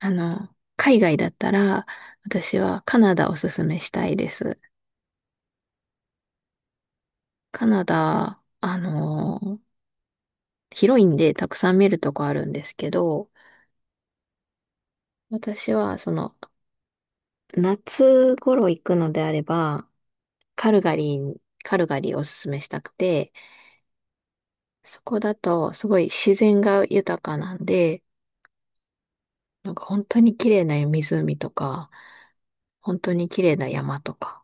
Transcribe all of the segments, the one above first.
海外だったら、私はカナダおすすめしたいです。カナダ、広いんでたくさん見るとこあるんですけど、私は夏頃行くのであれば、カルガリーカルガリーをおすすめしたくて、そこだとすごい自然が豊かなんで、なんか本当に綺麗な湖とか、本当に綺麗な山とか、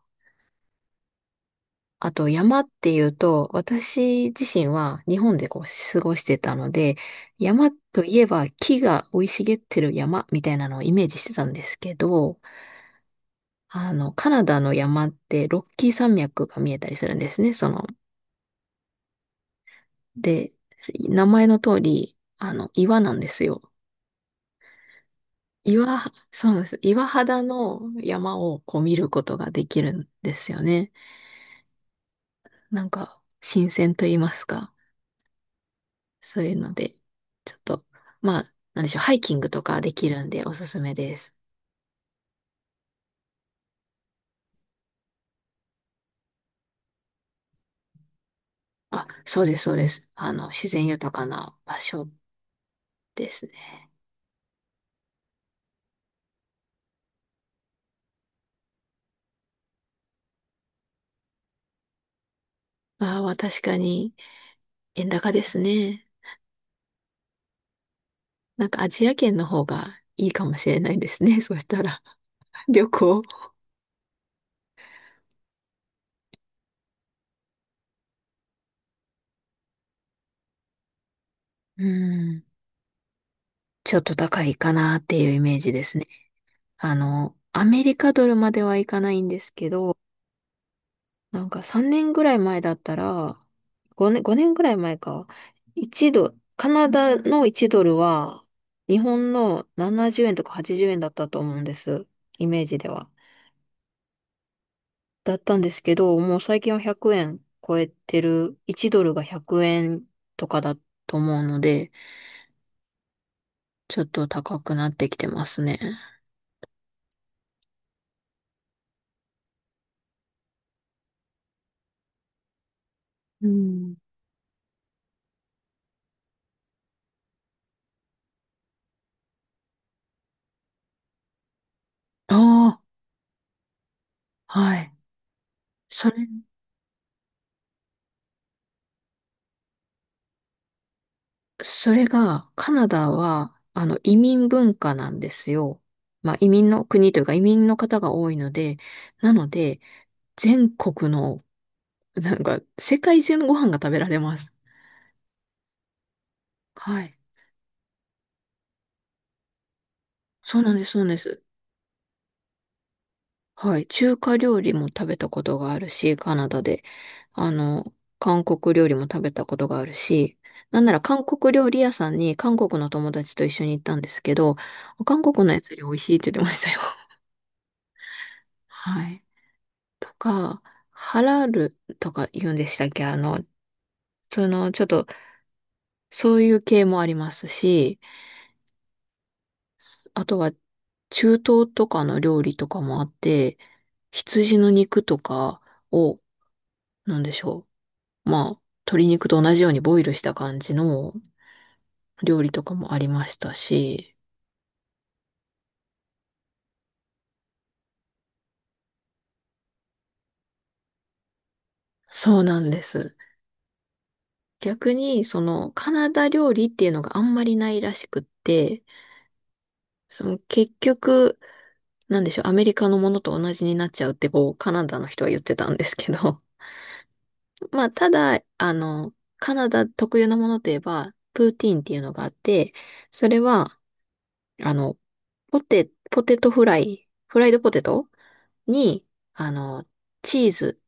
あと山っていうと、私自身は日本でこう過ごしてたので、山といえば木が生い茂ってる山みたいなのをイメージしてたんですけど、カナダの山ってロッキー山脈が見えたりするんですね、で、名前の通り、岩なんですよ。岩、そうなんです。岩肌の山をこう見ることができるんですよね。なんか、新鮮と言いますか。そういうので、ちょっと、まあ、なんでしょう、ハイキングとかできるんでおすすめです。あ、そうです、そうです。自然豊かな場所ですね。ああ、確かに、円高ですね。なんかアジア圏の方がいいかもしれないですね。そしたら、旅行。うん。ちょっと高いかなっていうイメージですね。アメリカドルまではいかないんですけど、なんか3年ぐらい前だったら、5年ぐらい前か。1ドル、カナダの1ドルは日本の70円とか80円だったと思うんです。イメージでは。だったんですけど、もう最近は100円超えてる、1ドルが100円とかだと思うので、ちょっと高くなってきてますね。うん。ああ、はい。それそれが、カナダは、移民文化なんですよ。まあ、移民の国というか、移民の方が多いので、なので、全国の、なんか、世界中のご飯が食べられます。はい。そうなんです、そうなんです。はい。中華料理も食べたことがあるし、カナダで。あの、韓国料理も食べたことがあるし、なんなら韓国料理屋さんに韓国の友達と一緒に行ったんですけど、韓国のやつより美味しいって言ってましたよ。はい。とか、ハラルとか言うんでしたっけ？ちょっと、そういう系もありますし、あとは、中東とかの料理とかもあって、羊の肉とかを、なんでしょう。まあ、鶏肉と同じようにボイルした感じの料理とかもありましたし、そうなんです。逆に、カナダ料理っていうのがあんまりないらしくって、結局、なんでしょう、アメリカのものと同じになっちゃうってこう、カナダの人は言ってたんですけど、まあ、ただ、カナダ特有なものといえば、プーティーンっていうのがあって、それは、あの、ポテ、ポテトフライ、フライドポテトに、あの、チーズ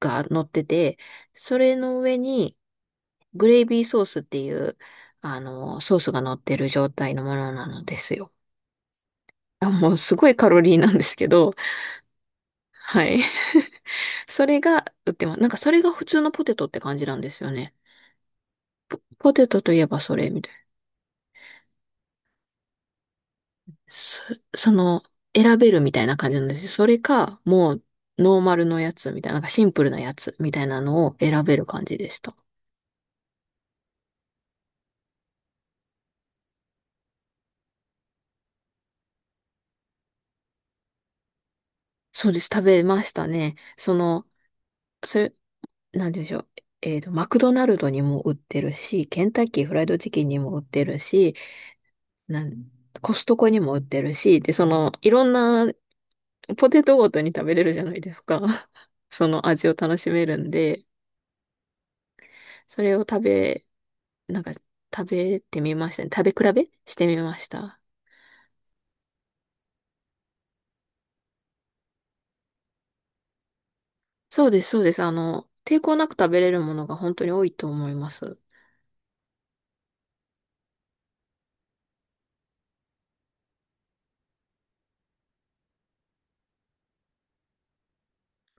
が乗ってて、それの上に、グレイビーソースっていう、ソースが乗ってる状態のものなのですよ。あ、もうすごいカロリーなんですけど、はい。それが売ってます。なんかそれが普通のポテトって感じなんですよね。ポテトといえばそれみたいな。そ、その、選べるみたいな感じなんですよ。それか、もう、ノーマルのやつみたいな、なんかシンプルなやつみたいなのを選べる感じでした。そうです。食べましたね。それ、なんて言うんでしょう。マクドナルドにも売ってるし、ケンタッキーフライドチキンにも売ってるし、なん、コストコにも売ってるし、で、いろんなポテトごとに食べれるじゃないですか。その味を楽しめるんで、それを食べ、なんか食べてみましたね。食べ比べしてみました。そうです、そうです。抵抗なく食べれるものが本当に多いと思います。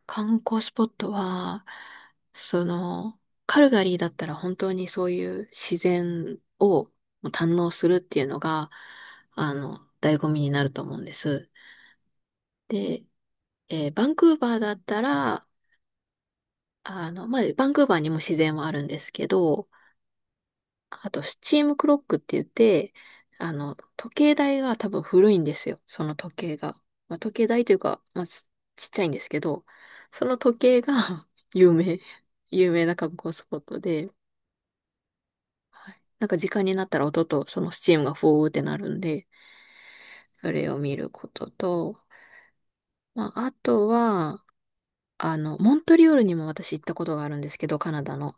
観光スポットは、その、カルガリーだったら本当にそういう自然を堪能するっていうのが、醍醐味になると思うんです。で、バンクーバーだったら、まあ、バンクーバーにも自然はあるんですけど、あと、スチームクロックって言って、時計台が多分古いんですよ。その時計が。まあ、時計台というか、まあ、ちっちゃいんですけど、その時計が 有名、有名な観光スポットで、なんか時間になったら音とそのスチームがフォーってなるんで、それを見ることと、まあ、あとは、モントリオールにも私行ったことがあるんですけど、カナダの。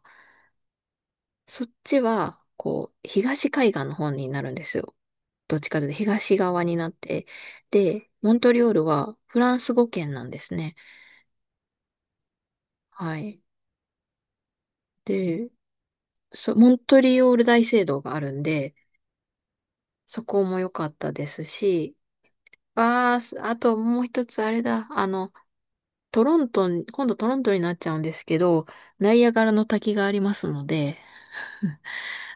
そっちは、こう、東海岸の方になるんですよ。どっちかというと東側になって。で、モントリオールはフランス語圏なんですね。はい。で、モントリオール大聖堂があるんで、そこも良かったですし、あともう一つあれだ、トロントに、今度トロントになっちゃうんですけど、ナイアガラの滝がありますので、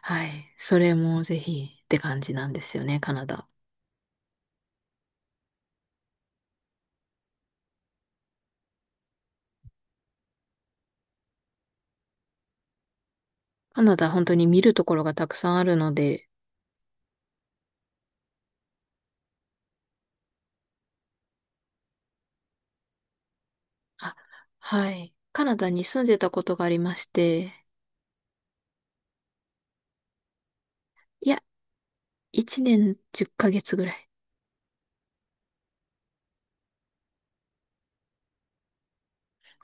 はい。それもぜひって感じなんですよね、カナダ。カナダ本当に見るところがたくさんあるので、あ、はい。カナダに住んでたことがありまして、いや、1年10ヶ月ぐらい。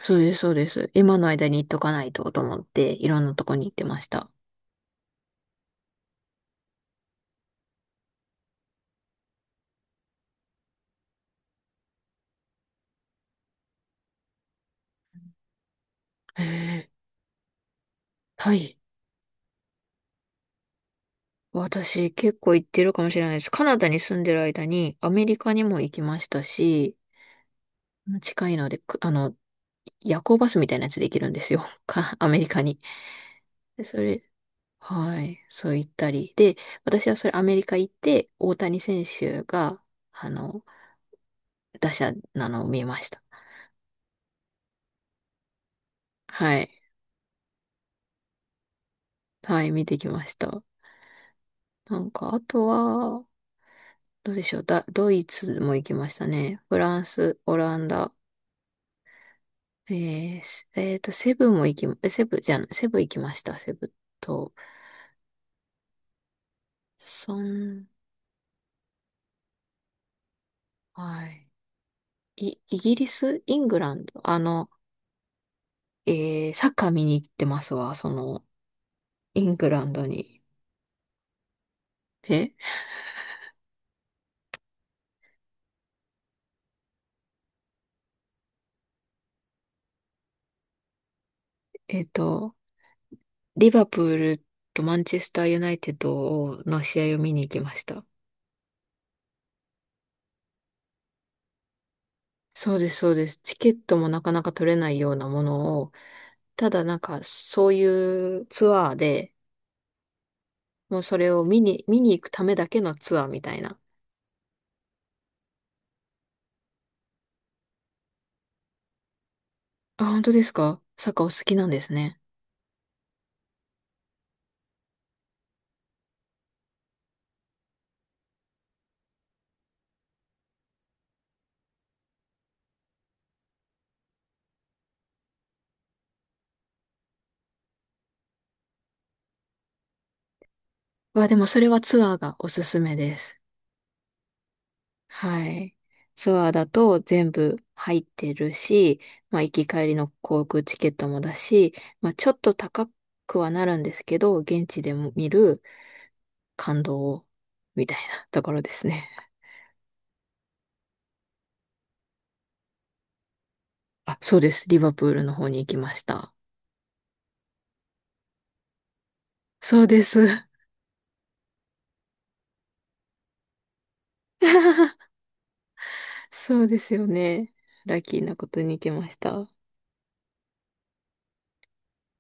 そうです、そうです。今の間に行っとかないとと思って、いろんなとこに行ってました。へえ、はい。私結構行ってるかもしれないです。カナダに住んでる間にアメリカにも行きましたし、近いので、くあの、夜行バスみたいなやつで行けるんですよ。アメリカに。ではい。そう言ったり。で、私はそれアメリカ行って、大谷選手が、あの、打者なのを見ました。はい。はい、見てきました。なんか、あとは、どうでしょう。ドイツも行きましたね。フランス、オランダ、えー、すえーと、セブンも行き、えセブンじゃん、セブン行きました。セブンと、そん、はい。イギリス、イングランド、サッカー見に行ってますわ、イングランドに。ええっと、リバプールとマンチェスターユナイテッドの試合を見に行きました。そうです、そうです。チケットもなかなか取れないようなものを、ただなんかそういうツアーで、もうそれを見に行くためだけのツアーみたいな。あ、本当ですか？サッカーお好きなんですね。わあ、でもそれはツアーがおすすめです。はい。ツアーだと全部入ってるし、まあ行き帰りの航空チケットもだし、まあちょっと高くはなるんですけど、現地でも見る感動みたいなところですね。あ、そうです。リバプールの方に行きました。そうです。そうですよね。ラッキーなことに行きました。